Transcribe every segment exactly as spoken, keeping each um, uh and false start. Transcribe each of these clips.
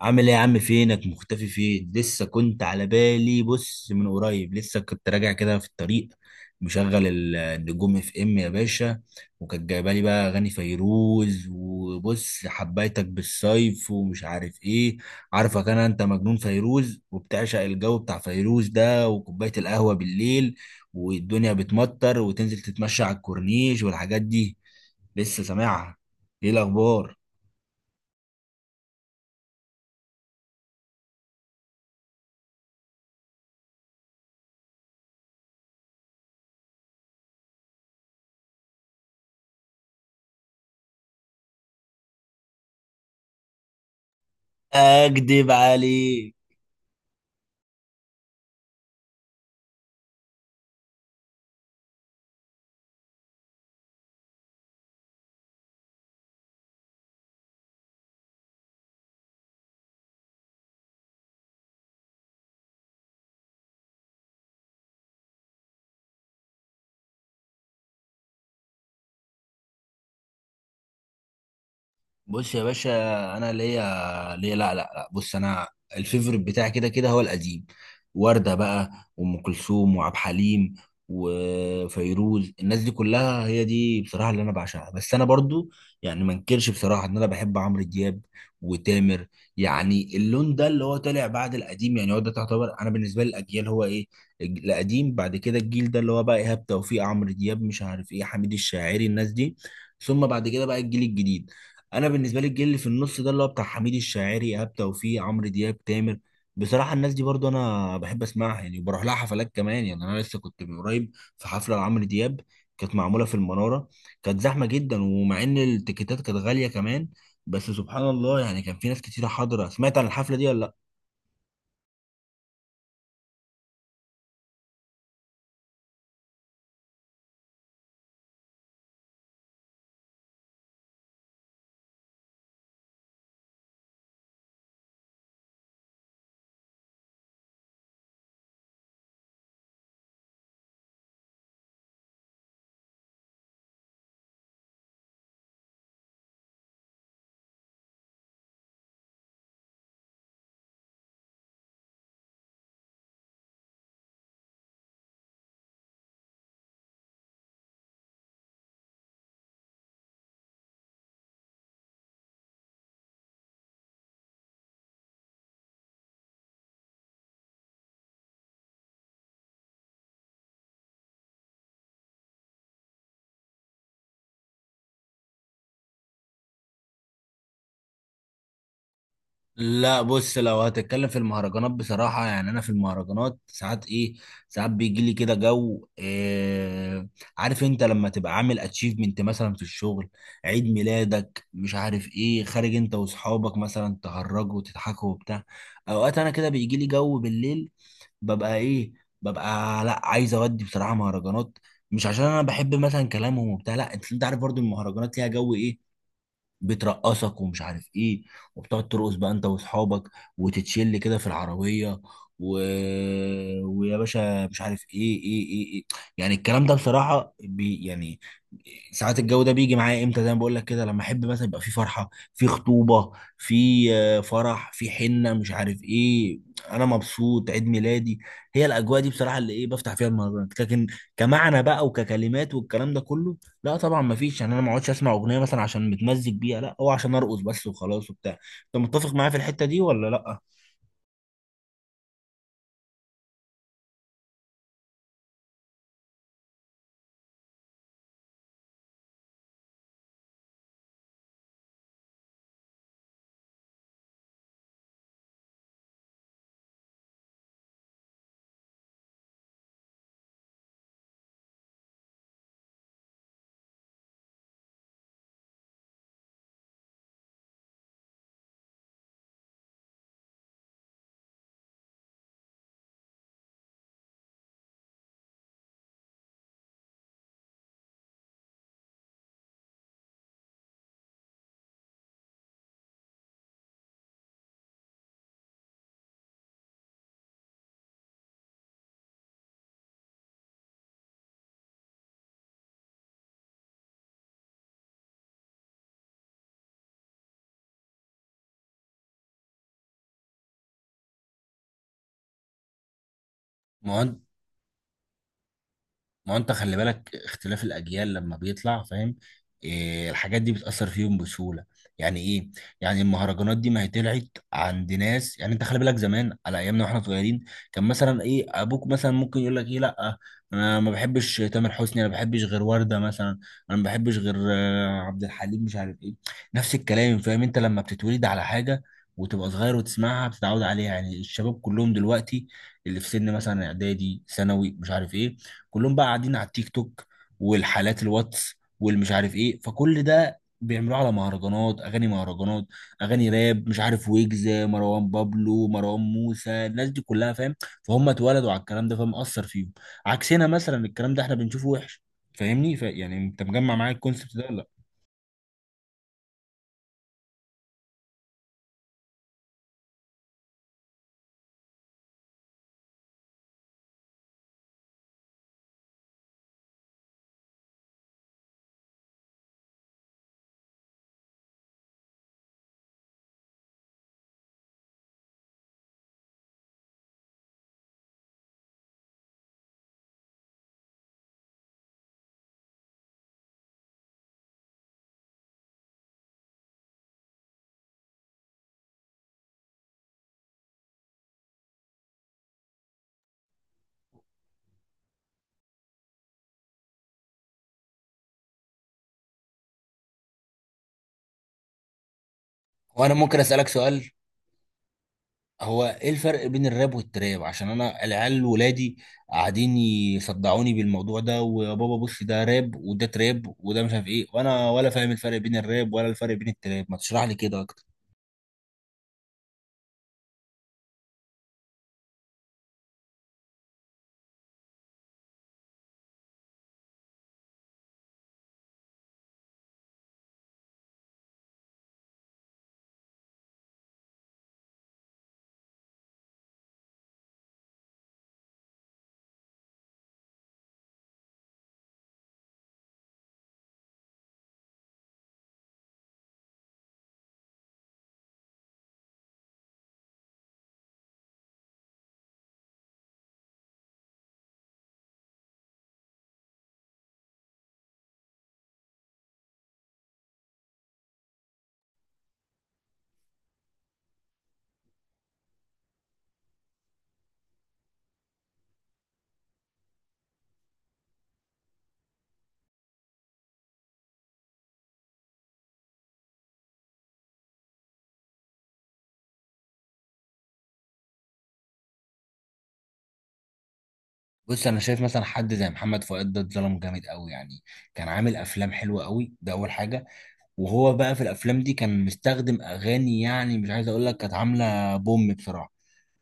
عامل ايه يا عم؟ فينك مختفي؟ فين لسه كنت على بالي. بص، من قريب لسه كنت راجع كده في الطريق، مشغل ال- النجوم اف ام يا باشا، وكانت جايبه لي بقى اغاني فيروز، وبص حبيتك بالصيف ومش عارف ايه. عارفك انا، انت مجنون فيروز وبتعشق الجو بتاع فيروز ده وكوبايه القهوه بالليل والدنيا بتمطر، وتنزل تتمشى على الكورنيش والحاجات دي. لسه سامعها. ايه الاخبار؟ اكدب عليك. بص يا باشا، انا ليا ليا لا لا لا بص، انا الفيفوريت بتاعي كده كده هو القديم، وردة بقى وام كلثوم وعبد الحليم وفيروز. الناس دي كلها هي دي بصراحة اللي انا بعشقها. بس انا برضو يعني ما انكرش بصراحة ان انا بحب عمرو دياب وتامر، يعني اللون ده اللي هو طالع بعد القديم. يعني هو ده تعتبر انا بالنسبة لي الاجيال هو ايه، الج- القديم، بعد كده الجيل ده اللي هو بقى ايهاب توفيق، عمرو دياب، مش عارف ايه، حميد الشاعري، الناس دي. ثم بعد كده بقى الجيل الجديد. انا بالنسبه لي الجيل اللي في النص ده اللي هو بتاع حميد الشاعري، ايهاب توفيق، عمرو دياب، تامر، بصراحه الناس دي برضو انا بحب اسمعها يعني، وبروح لها حفلات كمان. يعني انا لسه كنت من قريب في حفله لعمرو دياب، كانت معموله في المناره. كانت زحمه جدا، ومع ان التيكيتات كانت غاليه كمان، بس سبحان الله يعني كان في ناس كتيره حاضره. سمعت عن الحفله دي ولا لأ؟ لا بص، لو هتتكلم في المهرجانات بصراحة، يعني أنا في المهرجانات ساعات إيه، ساعات بيجي لي كده جو إيه، عارف أنت لما تبقى عامل أتشيفمنت مثلا في الشغل، عيد ميلادك مش عارف إيه، خارج أنت وأصحابك مثلا تهرجوا وتضحكوا وبتاع. أوقات أنا كده بيجي لي جو بالليل، ببقى إيه، ببقى لا، عايز أودي بصراحة مهرجانات. مش عشان أنا بحب مثلا كلامهم وبتاع، لا، أنت أنت عارف برضو المهرجانات ليها جو إيه، بترقصك ومش عارف ايه، وبتقعد ترقص بقى انت واصحابك، وتتشل كده في العربيه، و... ويا باشا مش عارف ايه، ايه ايه, إيه. يعني الكلام ده بصراحه بي يعني ساعات الجو ده بيجي معايا امتى، زي ما بقول لك كده، لما احب مثلا يبقى في فرحه، في خطوبه، في آه، فرح، في حنه، مش عارف ايه، انا مبسوط عيد ميلادي. هي الاجواء دي بصراحه اللي ايه بفتح فيها المهرجانات، لكن كمعنى بقى وككلمات والكلام ده كله لا طبعا، ما فيش. يعني انا ما اقعدش اسمع اغنيه مثلا عشان متمزج بيها، لا هو عشان ارقص بس وخلاص وبتاع. انت متفق معايا في الحته دي ولا لا؟ ما هو ما هو انت خلي بالك اختلاف الاجيال لما بيطلع، فاهم إيه؟ الحاجات دي بتاثر فيهم بسهوله. يعني ايه؟ يعني المهرجانات دي ما هي طلعت عند ناس. يعني انت خلي بالك زمان على ايامنا واحنا صغيرين كان مثلا ايه، ابوك مثلا ممكن يقول لك ايه، لا انا ما بحبش تامر حسني، انا ما بحبش غير ورده مثلا، انا ما بحبش غير آه، عبد الحليم، مش عارف ايه. نفس الكلام، فاهم انت لما بتتولد على حاجه وتبقى صغير وتسمعها بتتعود عليها. يعني الشباب كلهم دلوقتي اللي في سن مثلا اعدادي ثانوي مش عارف ايه، كلهم بقى قاعدين على التيك توك والحالات الواتس والمش عارف ايه، فكل ده بيعملوه على مهرجانات، اغاني مهرجانات، اغاني راب، مش عارف ويجز، مروان بابلو، مروان موسى، الناس دي كلها فاهم. فهم اتولدوا على الكلام ده فمأثر فيهم، عكسنا مثلا الكلام ده احنا بنشوفه وحش. فاهمني؟ ف... يعني انت مجمع معايا الكونسبت ده ولا لا؟ وانا ممكن اسالك سؤال. هو ايه الفرق بين الراب والتراب؟ عشان انا العيال ولادي قاعدين يصدعوني بالموضوع ده، ويا بابا بص ده راب وده تراب وده مش عارف ايه، وانا ولا فاهم الفرق بين الراب ولا الفرق بين التراب. ما تشرح لي كده اكتر. بص انا شايف مثلا حد زي محمد فؤاد ده اتظلم جامد قوي يعني. كان عامل افلام حلوه قوي، ده اول حاجه. وهو بقى في الافلام دي كان مستخدم اغاني يعني مش عايز اقول لك كانت عامله بوم بصراحه،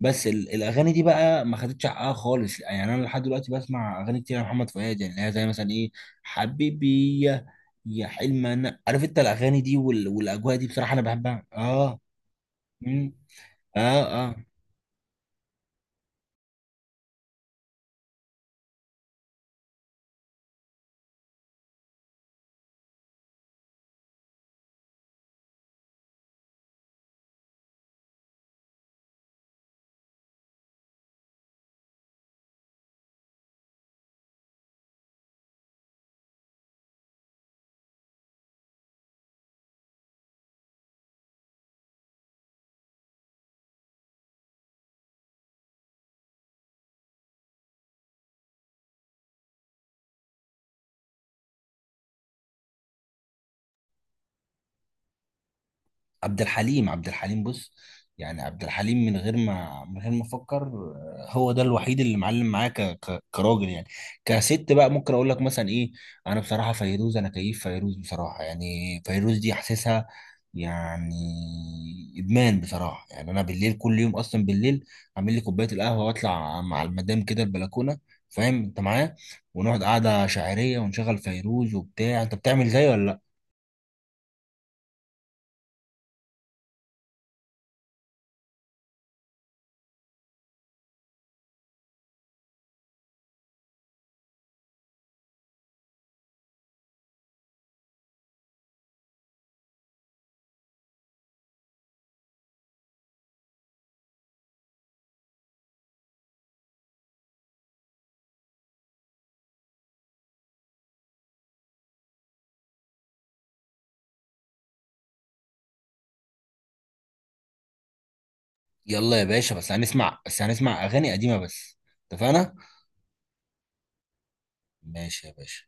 بس ال- الاغاني دي بقى ما خدتش حقها خالص. يعني انا لحد دلوقتي بسمع اغاني كتير لمحمد فؤاد، يعني اللي هي زي مثلا ايه، حبيبي يا، يا حلم، انا عارف انت الاغاني دي وال... والاجواء دي بصراحه انا بحبها. اه. مم. اه اه. عبد الحليم، عبد الحليم بص، يعني عبد الحليم من غير ما من غير ما افكر، آه، هو ده الوحيد اللي معلم معايا ك... ك... كراجل يعني. كست بقى ممكن اقول لك مثلا ايه، انا بصراحه فيروز، انا كيف فيروز بصراحه يعني، فيروز دي حاسسها يعني ادمان بصراحه. يعني انا بالليل كل يوم اصلا بالليل اعمل لي كوبايه القهوه واطلع مع المدام كده البلكونه، فاهم انت معايا، ونقعد قعده شاعريه ونشغل فيروز وبتاع. انت بتعمل زي ولا لا؟ يلا يا باشا، بس هنسمع، بس هنسمع اغاني قديمه بس. اتفقنا. ماشي يا باشا.